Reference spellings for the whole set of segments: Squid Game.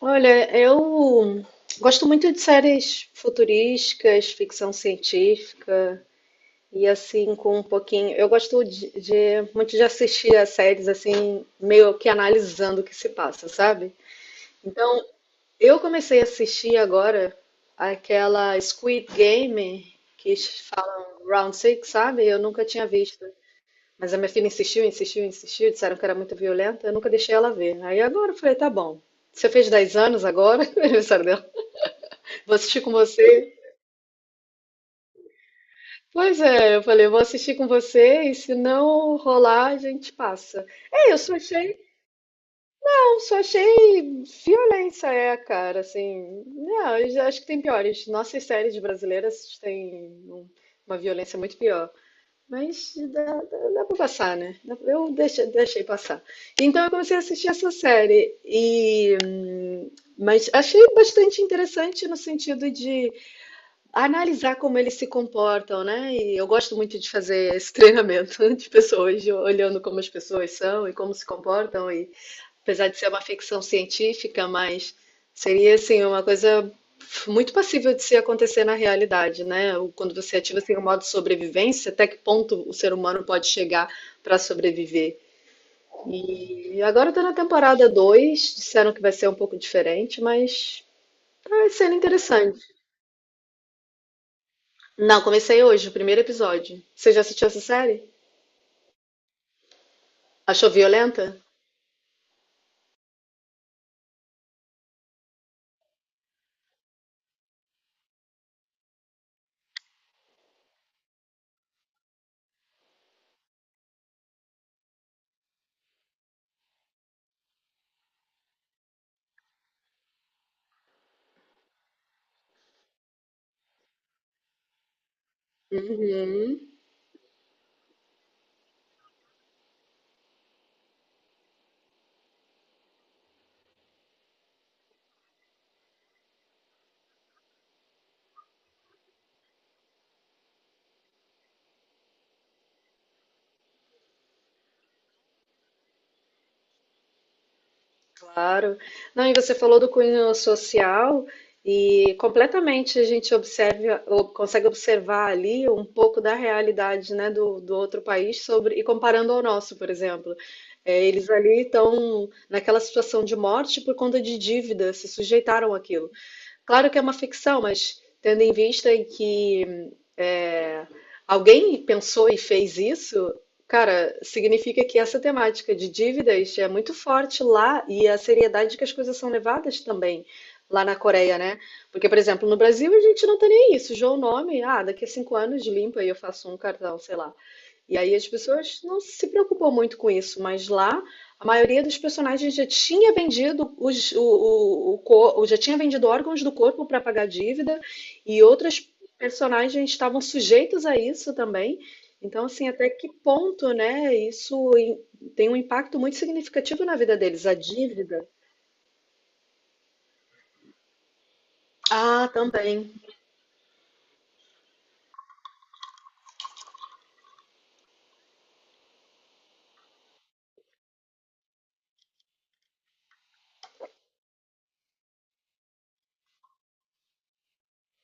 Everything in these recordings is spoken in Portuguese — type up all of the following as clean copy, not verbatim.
Olha, eu gosto muito de séries futurísticas, ficção científica e assim com um pouquinho. Eu gosto muito de assistir a séries assim, meio que analisando o que se passa, sabe? Então, eu comecei a assistir agora aquela Squid Game que falam Round Six, sabe? Eu nunca tinha visto. Mas a minha filha insistiu, insistiu, insistiu, disseram que era muito violenta, eu nunca deixei ela ver. Aí agora eu falei, tá bom. Você fez 10 anos agora, aniversário. Vou assistir com você. Pois é, eu falei, eu vou assistir com você e se não rolar, a gente passa. É, eu só achei, não, só achei violência, é, cara, assim. Não, eu já acho que tem piores. Nossas séries brasileiras têm um- uma violência muito pior. Mas dá, dá, dá pra passar, né? Eu deixei, deixei passar. Então eu comecei a assistir essa série e, mas achei bastante interessante no sentido de analisar como eles se comportam, né? E eu gosto muito de fazer esse treinamento de pessoas, olhando como as pessoas são e como se comportam. E apesar de ser uma ficção científica, mas seria assim uma coisa muito passível de se acontecer na realidade, né? Quando você ativa assim o modo sobrevivência, até que ponto o ser humano pode chegar para sobreviver? E agora eu tô na temporada 2, disseram que vai ser um pouco diferente, mas tá sendo interessante. Não, comecei hoje, o primeiro episódio. Você já assistiu essa série? Achou violenta? Uhum, claro. Não, e você falou do cunho social e completamente a gente observa, ou consegue observar ali um pouco da realidade, né, do, do outro país sobre e comparando ao nosso, por exemplo. É, eles ali estão naquela situação de morte por conta de dívida, se sujeitaram àquilo. Claro que é uma ficção, mas tendo em vista em que é, alguém pensou e fez isso, cara, significa que essa temática de dívidas é muito forte lá e a seriedade que as coisas são levadas também lá na Coreia, né? Porque, por exemplo, no Brasil a gente não tem nem isso. João Nome, ah, daqui a 5 anos limpa e eu faço um cartão, sei lá. E aí as pessoas não se preocupam muito com isso, mas lá a maioria dos personagens já tinha vendido os, o cor- já tinha vendido órgãos do corpo para pagar dívida e outras personagens estavam sujeitos a isso também. Então, assim, até que ponto, né? Isso tem um impacto muito significativo na vida deles, a dívida. Ah, também.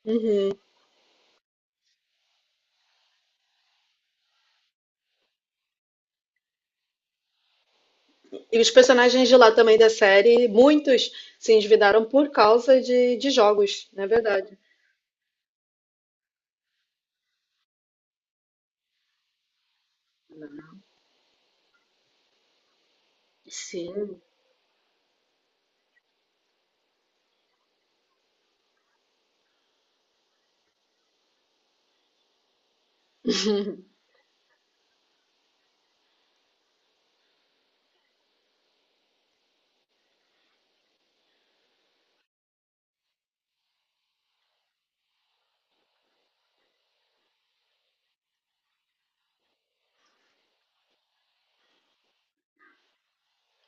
Uhum. E os personagens de lá também da série, muitos se endividaram por causa de jogos, não é verdade? Sim,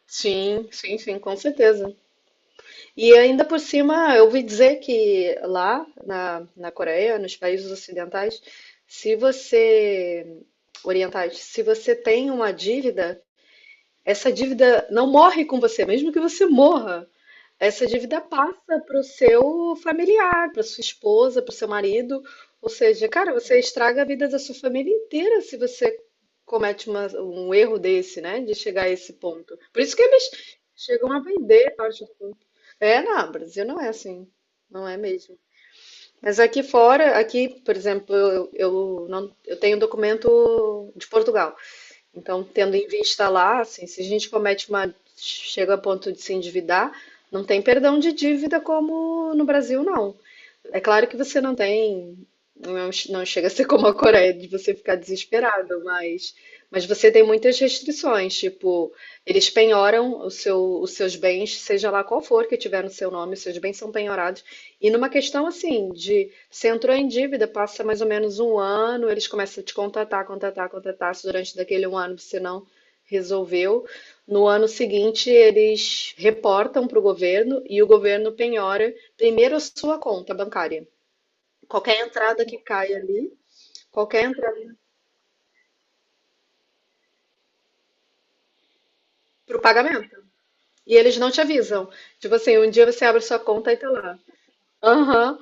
sim, sim, sim, com certeza. E ainda por cima, eu ouvi dizer que lá na, na Coreia, nos países ocidentais, se você, orientais, se você tem uma dívida, essa dívida não morre com você, mesmo que você morra. Essa dívida passa para o seu familiar, para sua esposa, para o seu marido. Ou seja, cara, você estraga a vida da sua família inteira se você comete um erro desse, né? De chegar a esse ponto. Por isso que eles chegam a vender parte é, não, Brasil não é assim. Não é mesmo. Mas aqui fora, aqui, por exemplo, eu não, eu tenho documento de Portugal. Então, tendo em vista lá, assim, se a gente comete uma, chega a ponto de se endividar, não tem perdão de dívida como no Brasil, não. É claro que você não tem, não, não chega a ser como a Coreia de você ficar desesperado, mas você tem muitas restrições, tipo, eles penhoram o seu, os seus bens, seja lá qual for que tiver no seu nome, os seus bens são penhorados. E numa questão assim, de você entrou em dívida, passa mais ou menos um ano, eles começam a te contatar, contatar, contatar, se durante daquele um ano você não resolveu. No ano seguinte, eles reportam para o governo e o governo penhora primeiro a sua conta bancária. Qualquer entrada que cai ali, qualquer entrada para o pagamento. E eles não te avisam. Tipo assim, um dia você abre sua conta e tá lá. Aham.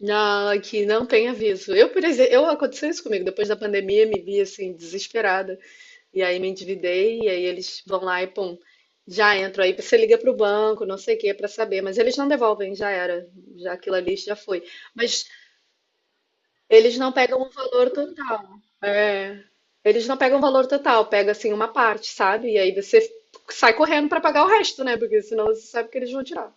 Não, que não tem aviso. Eu, por exemplo, eu aconteceu isso comigo. Depois da pandemia, me vi assim, desesperada. E aí me endividei, e aí eles vão lá e pum, já entro. Aí você liga pro banco, não sei o que, pra saber. Mas eles não devolvem, já era. Já aquilo ali já foi. Mas eles não pegam o valor total. É. Eles não pegam o valor total, pega assim uma parte, sabe? E aí você sai correndo pra pagar o resto, né? Porque senão você sabe que eles vão tirar.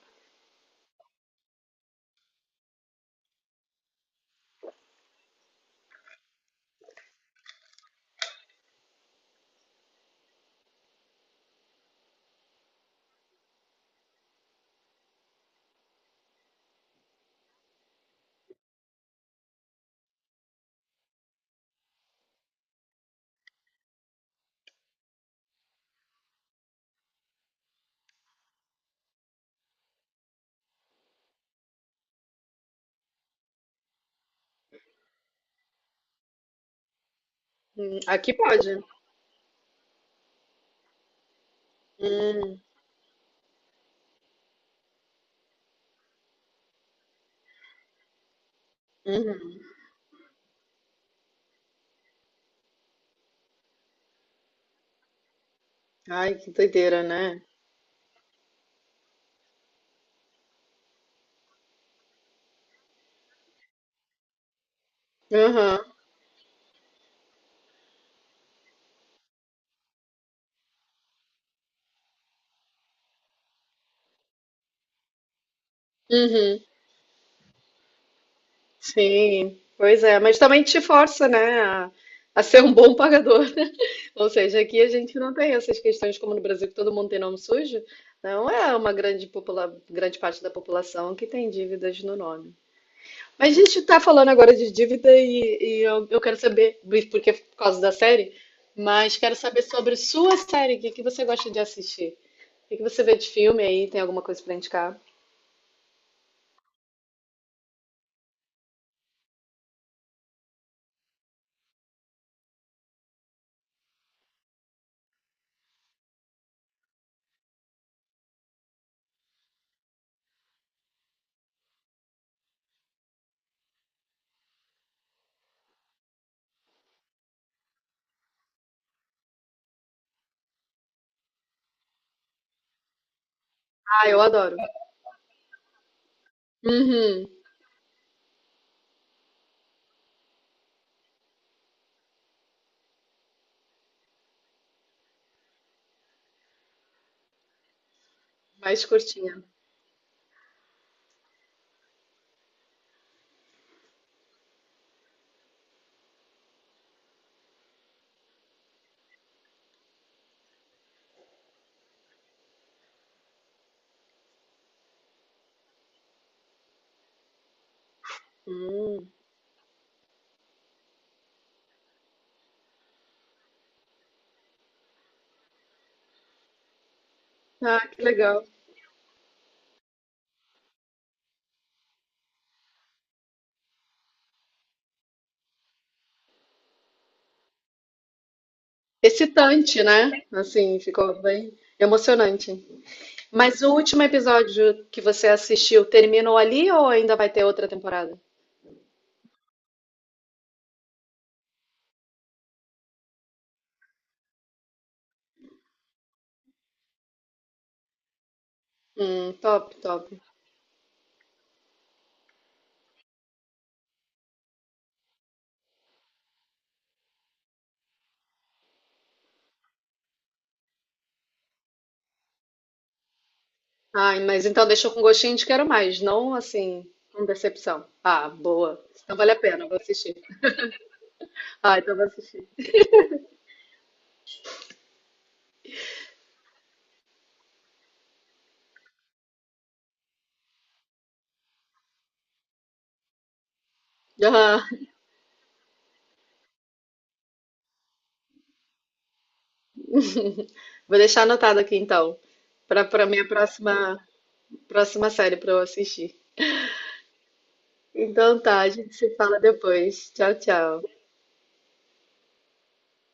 Aqui pode. Hum, uhum. Ai, que doideira, né? Aham. Uhum. Sim. Pois é, mas também te força, né, a ser um bom pagador. Ou seja, aqui a gente não tem essas questões como no Brasil, que todo mundo tem nome sujo. Não é uma grande, popula grande parte da população que tem dívidas no nome. Mas a gente tá falando agora de dívida e eu quero saber, porque é por causa da série, mas quero saber sobre sua série, o que que você gosta de assistir? O que que você vê de filme aí? Tem alguma coisa pra indicar? Ah, eu adoro. Uhum, mais curtinha. Hum. Ah, que legal. Excitante, né? Assim, ficou bem emocionante. Mas o último episódio que você assistiu terminou ali ou ainda vai ter outra temporada? Top, top. Ai, mas então deixou com gostinho de quero mais, não assim, com decepção. Ah, boa. Então vale a pena, vou assistir. Ah, então vou assistir. Aham. Vou deixar anotado aqui então, para para minha próxima série para eu assistir. Então tá, a gente se fala depois. Tchau, tchau.